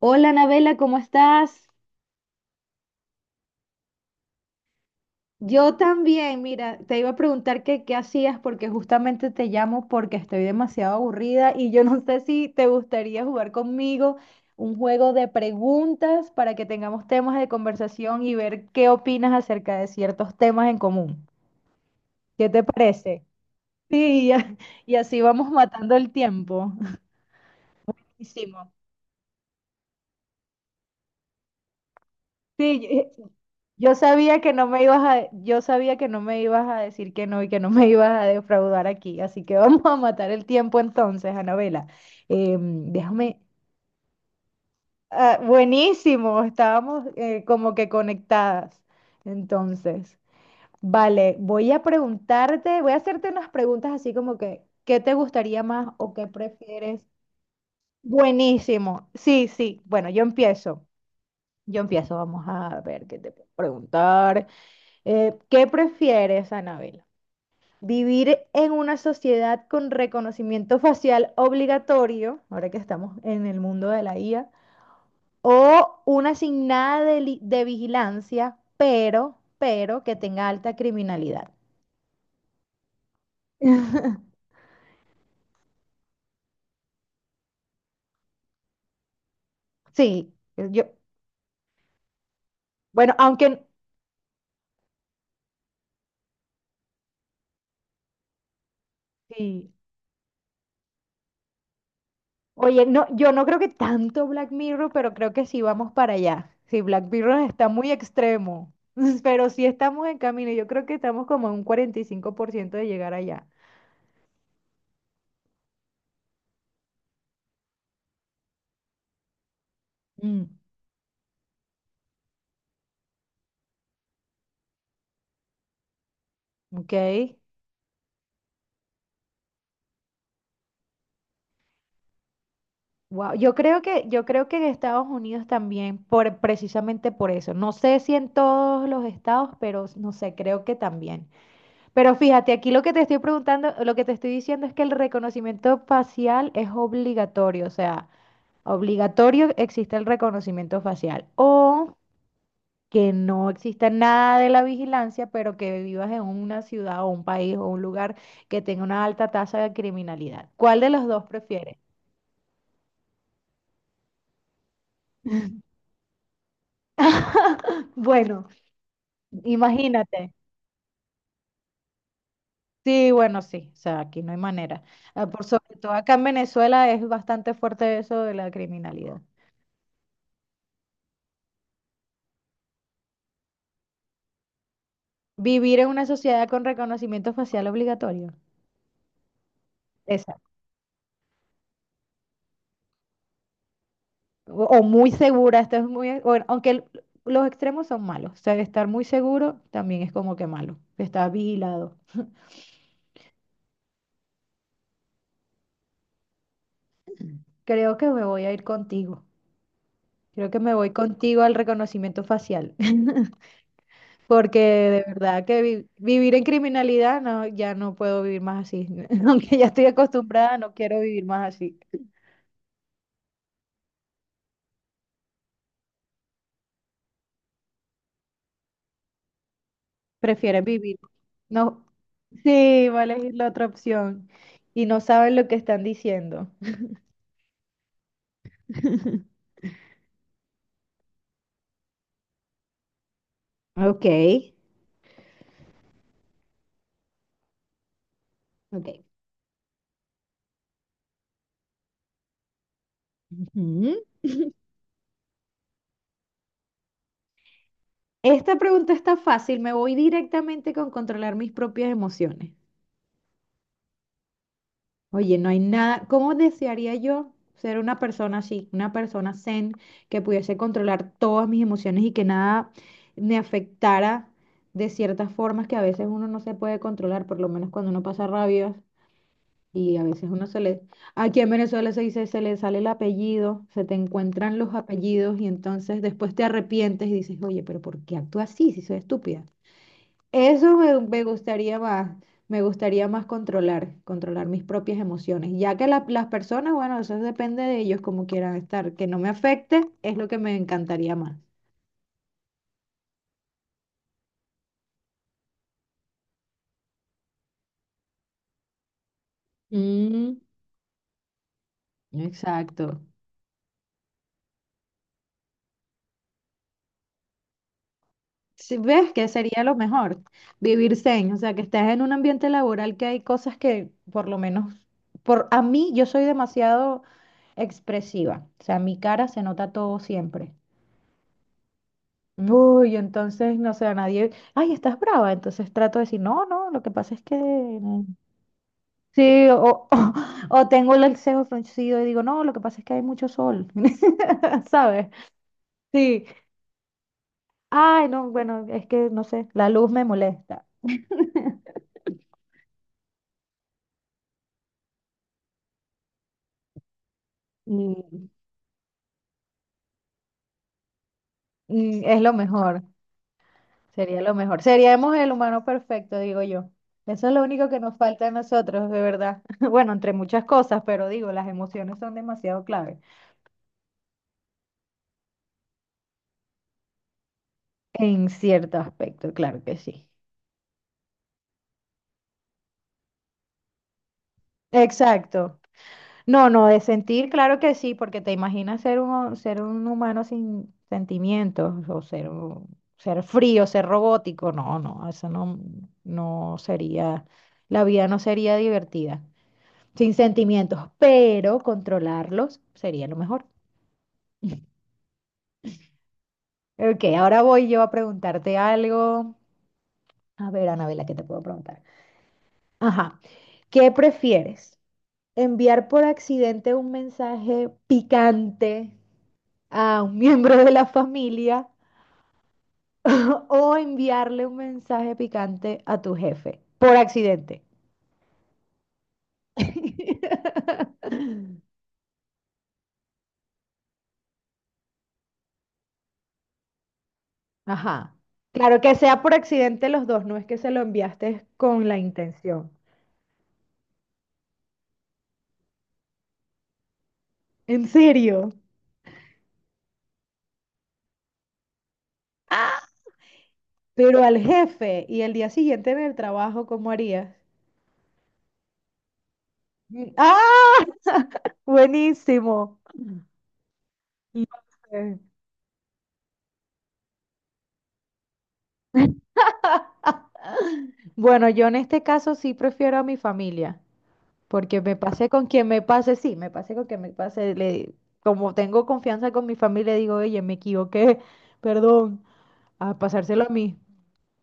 Hola, Anabela, ¿cómo estás? Yo también, mira, te iba a preguntar que qué hacías porque justamente te llamo porque estoy demasiado aburrida y yo no sé si te gustaría jugar conmigo un juego de preguntas para que tengamos temas de conversación y ver qué opinas acerca de ciertos temas en común. ¿Qué te parece? Sí, y a- y así vamos matando el tiempo. Hicimos. Sí, yo sabía que no me ibas a, yo sabía que no me ibas a decir que no y que no me ibas a defraudar aquí, así que vamos a matar el tiempo entonces, Anabela. Déjame, ah, buenísimo, estábamos como que conectadas. Entonces, vale, voy a preguntarte, voy a hacerte unas preguntas así como que, ¿qué te gustaría más o qué prefieres? Buenísimo, sí, sí, bueno, yo empiezo, vamos a ver qué te puedo preguntar. ¿Qué prefieres, Anabel? ¿Vivir en una sociedad con reconocimiento facial obligatorio, ahora que estamos en el mundo de la IA, o una asignada de, li- de vigilancia, pero que tenga alta criminalidad? Sí, yo, bueno, aunque, sí, oye, no, yo no creo que tanto Black Mirror, pero creo que sí vamos para allá. Sí, Black Mirror está muy extremo, pero sí estamos en camino. Yo creo que estamos como en un 45% de llegar allá. Mm, ok. Wow. Yo creo que en Estados Unidos también, por, precisamente por eso. No sé si en todos los estados, pero no sé, creo que también. Pero fíjate, aquí lo que te estoy preguntando, lo que te estoy diciendo es que el reconocimiento facial es obligatorio, o sea. Obligatorio existe el reconocimiento facial o que no exista nada de la vigilancia, pero que vivas en una ciudad o un país o un lugar que tenga una alta tasa de criminalidad. ¿Cuál de los dos prefieres? Bueno, imagínate. Sí, bueno, sí, o sea, aquí no hay manera. Ah, por sobre todo acá en Venezuela es bastante fuerte eso de la criminalidad. Vivir en una sociedad con reconocimiento facial obligatorio. O o muy segura, esto es muy, bueno, aunque el- los extremos son malos, o sea, estar muy seguro también es como que malo, estar vigilado. Creo que me voy a ir contigo, creo que me voy contigo al reconocimiento facial, porque de verdad que vi- vivir en criminalidad, no, ya no puedo vivir más así, aunque ya estoy acostumbrada, no quiero vivir más así, prefieren vivir, no, sí, va a elegir la otra opción y no saben lo que están diciendo. Ok, ok. Ujú. Esta pregunta está fácil, me voy directamente con controlar mis propias emociones. Oye, no hay nada, ¿cómo desearía yo ser una persona así, una persona zen que pudiese controlar todas mis emociones y que nada me afectara de ciertas formas que a veces uno no se puede controlar, por lo menos cuando uno pasa rabias y a veces uno se le, aquí en Venezuela se dice, se le sale el apellido, se te encuentran los apellidos y entonces después te arrepientes y dices, oye, pero ¿por qué actúas así si soy estúpida? Me gustaría más, controlar mis propias emociones, ya que la- las personas, bueno, eso depende de ellos como quieran estar, que no me afecte es lo que me encantaría más. Mm, exacto. Si ves que sería lo mejor, vivir zen, o sea, que estás en un ambiente laboral que hay cosas que por lo menos, por a mí yo soy demasiado expresiva, o sea, mi cara se nota todo siempre. Uy, entonces, no sé, a nadie, ay, estás brava, entonces trato de decir, no, no, lo que pasa es que, no". Sí, o, o, tengo el cejo fruncido y digo, no, lo que pasa es que hay mucho sol, ¿sabes? Sí, ay, no, bueno, es que, no sé, la luz me molesta, mm, mm, es lo mejor, sería lo mejor, seríamos el humano perfecto, digo yo, eso es lo único que nos falta a nosotros, de verdad, bueno, entre muchas cosas, pero digo, las emociones son demasiado claves. En cierto aspecto, claro que sí. Exacto. No, no, de sentir, claro que sí, porque te imaginas ser un humano sin sentimientos o ser, un- ser frío, ser robótico. No, no, eso no, no sería, la vida no sería divertida sin sentimientos, pero controlarlos sería lo mejor. Ok, ahora voy yo a preguntarte algo. A ver, Anabela, ¿qué te puedo preguntar? Ajá, ¿qué prefieres? Enviar por accidente un mensaje picante a un miembro de la familia o enviarle un mensaje picante a tu jefe por accidente. Ajá. Claro que sea por accidente los dos, no es que se lo enviaste con la intención. ¿En serio? ¡Ah! Pero al jefe y el día siguiente en el trabajo, ¿cómo harías? Mm, ¡ah! Buenísimo. No sé. Bueno, yo en este caso sí prefiero a mi familia, porque me pasé con quien me pase, sí, me pasé con quien me pase, le, como tengo confianza con mi familia, digo, oye, me equivoqué, perdón, a pasárselo a mí.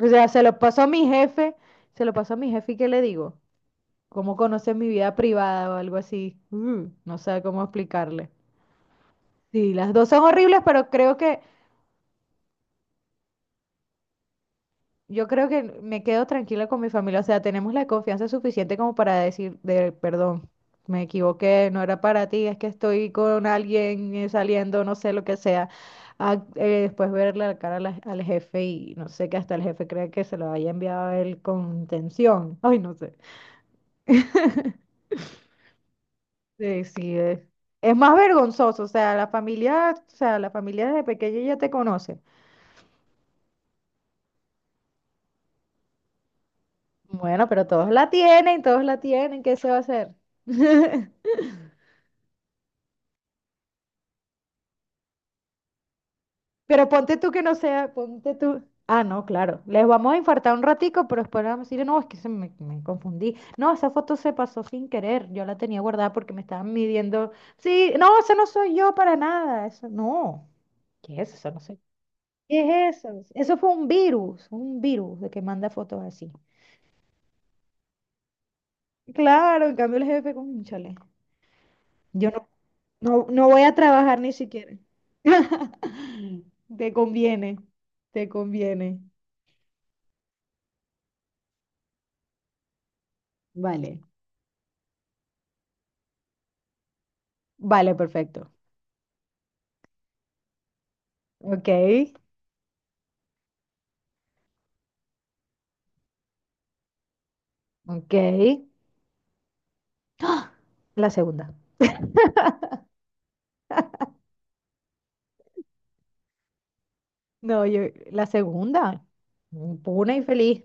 O sea, se lo pasó a mi jefe y ¿qué le digo? ¿Cómo conoce mi vida privada o algo así? Mm, no sé cómo explicarle. Sí, las dos son horribles, pero creo que yo creo que me quedo tranquila con mi familia, o sea, tenemos la confianza suficiente como para decir, de, perdón, me equivoqué, no era para ti, es que estoy con alguien saliendo, no sé lo que sea, a- después verle la cara a la- al jefe y no sé que hasta el jefe cree que se lo haya enviado a él con tensión, ay, no sé. Sí, sí, es, es más vergonzoso, o sea, la familia, o sea, la familia desde pequeña ya te conoce. Bueno, pero todos la tienen, ¿qué se va a hacer? Pero ponte tú que no sea, ponte tú. Ah, no, claro. Les vamos a infartar un ratico, pero después vamos a decir, no, es que se me, me confundí. No, esa foto se pasó sin querer. Yo la tenía guardada porque me estaban midiendo. Sí, no, eso no soy yo para nada. Eso no. ¿Qué es eso? No sé. ¿Qué es eso? Eso fue un virus de que manda fotos así. Claro, en cambio el jefe con chale. Yo no, no, no voy a trabajar ni siquiera. Te conviene, te conviene. Vale. Vale, perfecto. Ok. Ok, la segunda. No, yo, la segunda. Puna y feliz.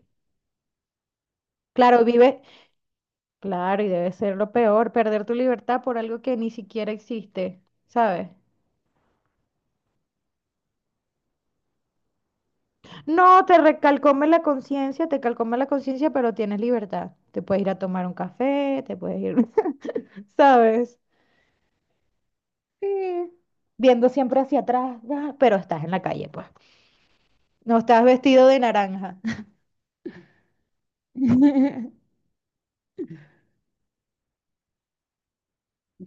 Claro, vive. Claro, y debe ser lo peor, perder tu libertad por algo que ni siquiera existe, ¿sabes? No, te recalcome la conciencia, te calcome la conciencia, pero tienes libertad. Te puedes ir a tomar un café, te puedes ir, ¿sabes? Sí. Viendo siempre hacia atrás, ah, pero estás en la calle, pues. No estás vestido de naranja.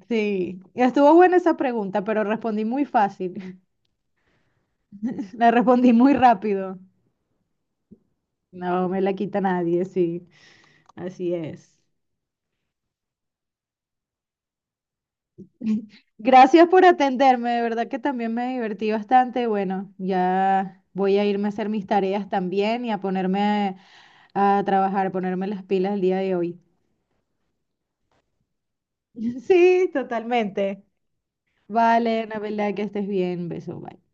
Sí, estuvo buena esa pregunta, pero respondí muy fácil. La respondí muy rápido. No me la quita nadie, sí. Así es. Gracias por atenderme, de verdad que también me divertí bastante. Bueno, ya voy a irme a hacer mis tareas también y a ponerme a trabajar, ponerme las pilas el día de hoy. Sí, totalmente. Vale, Anabela, que estés bien. Beso, bye.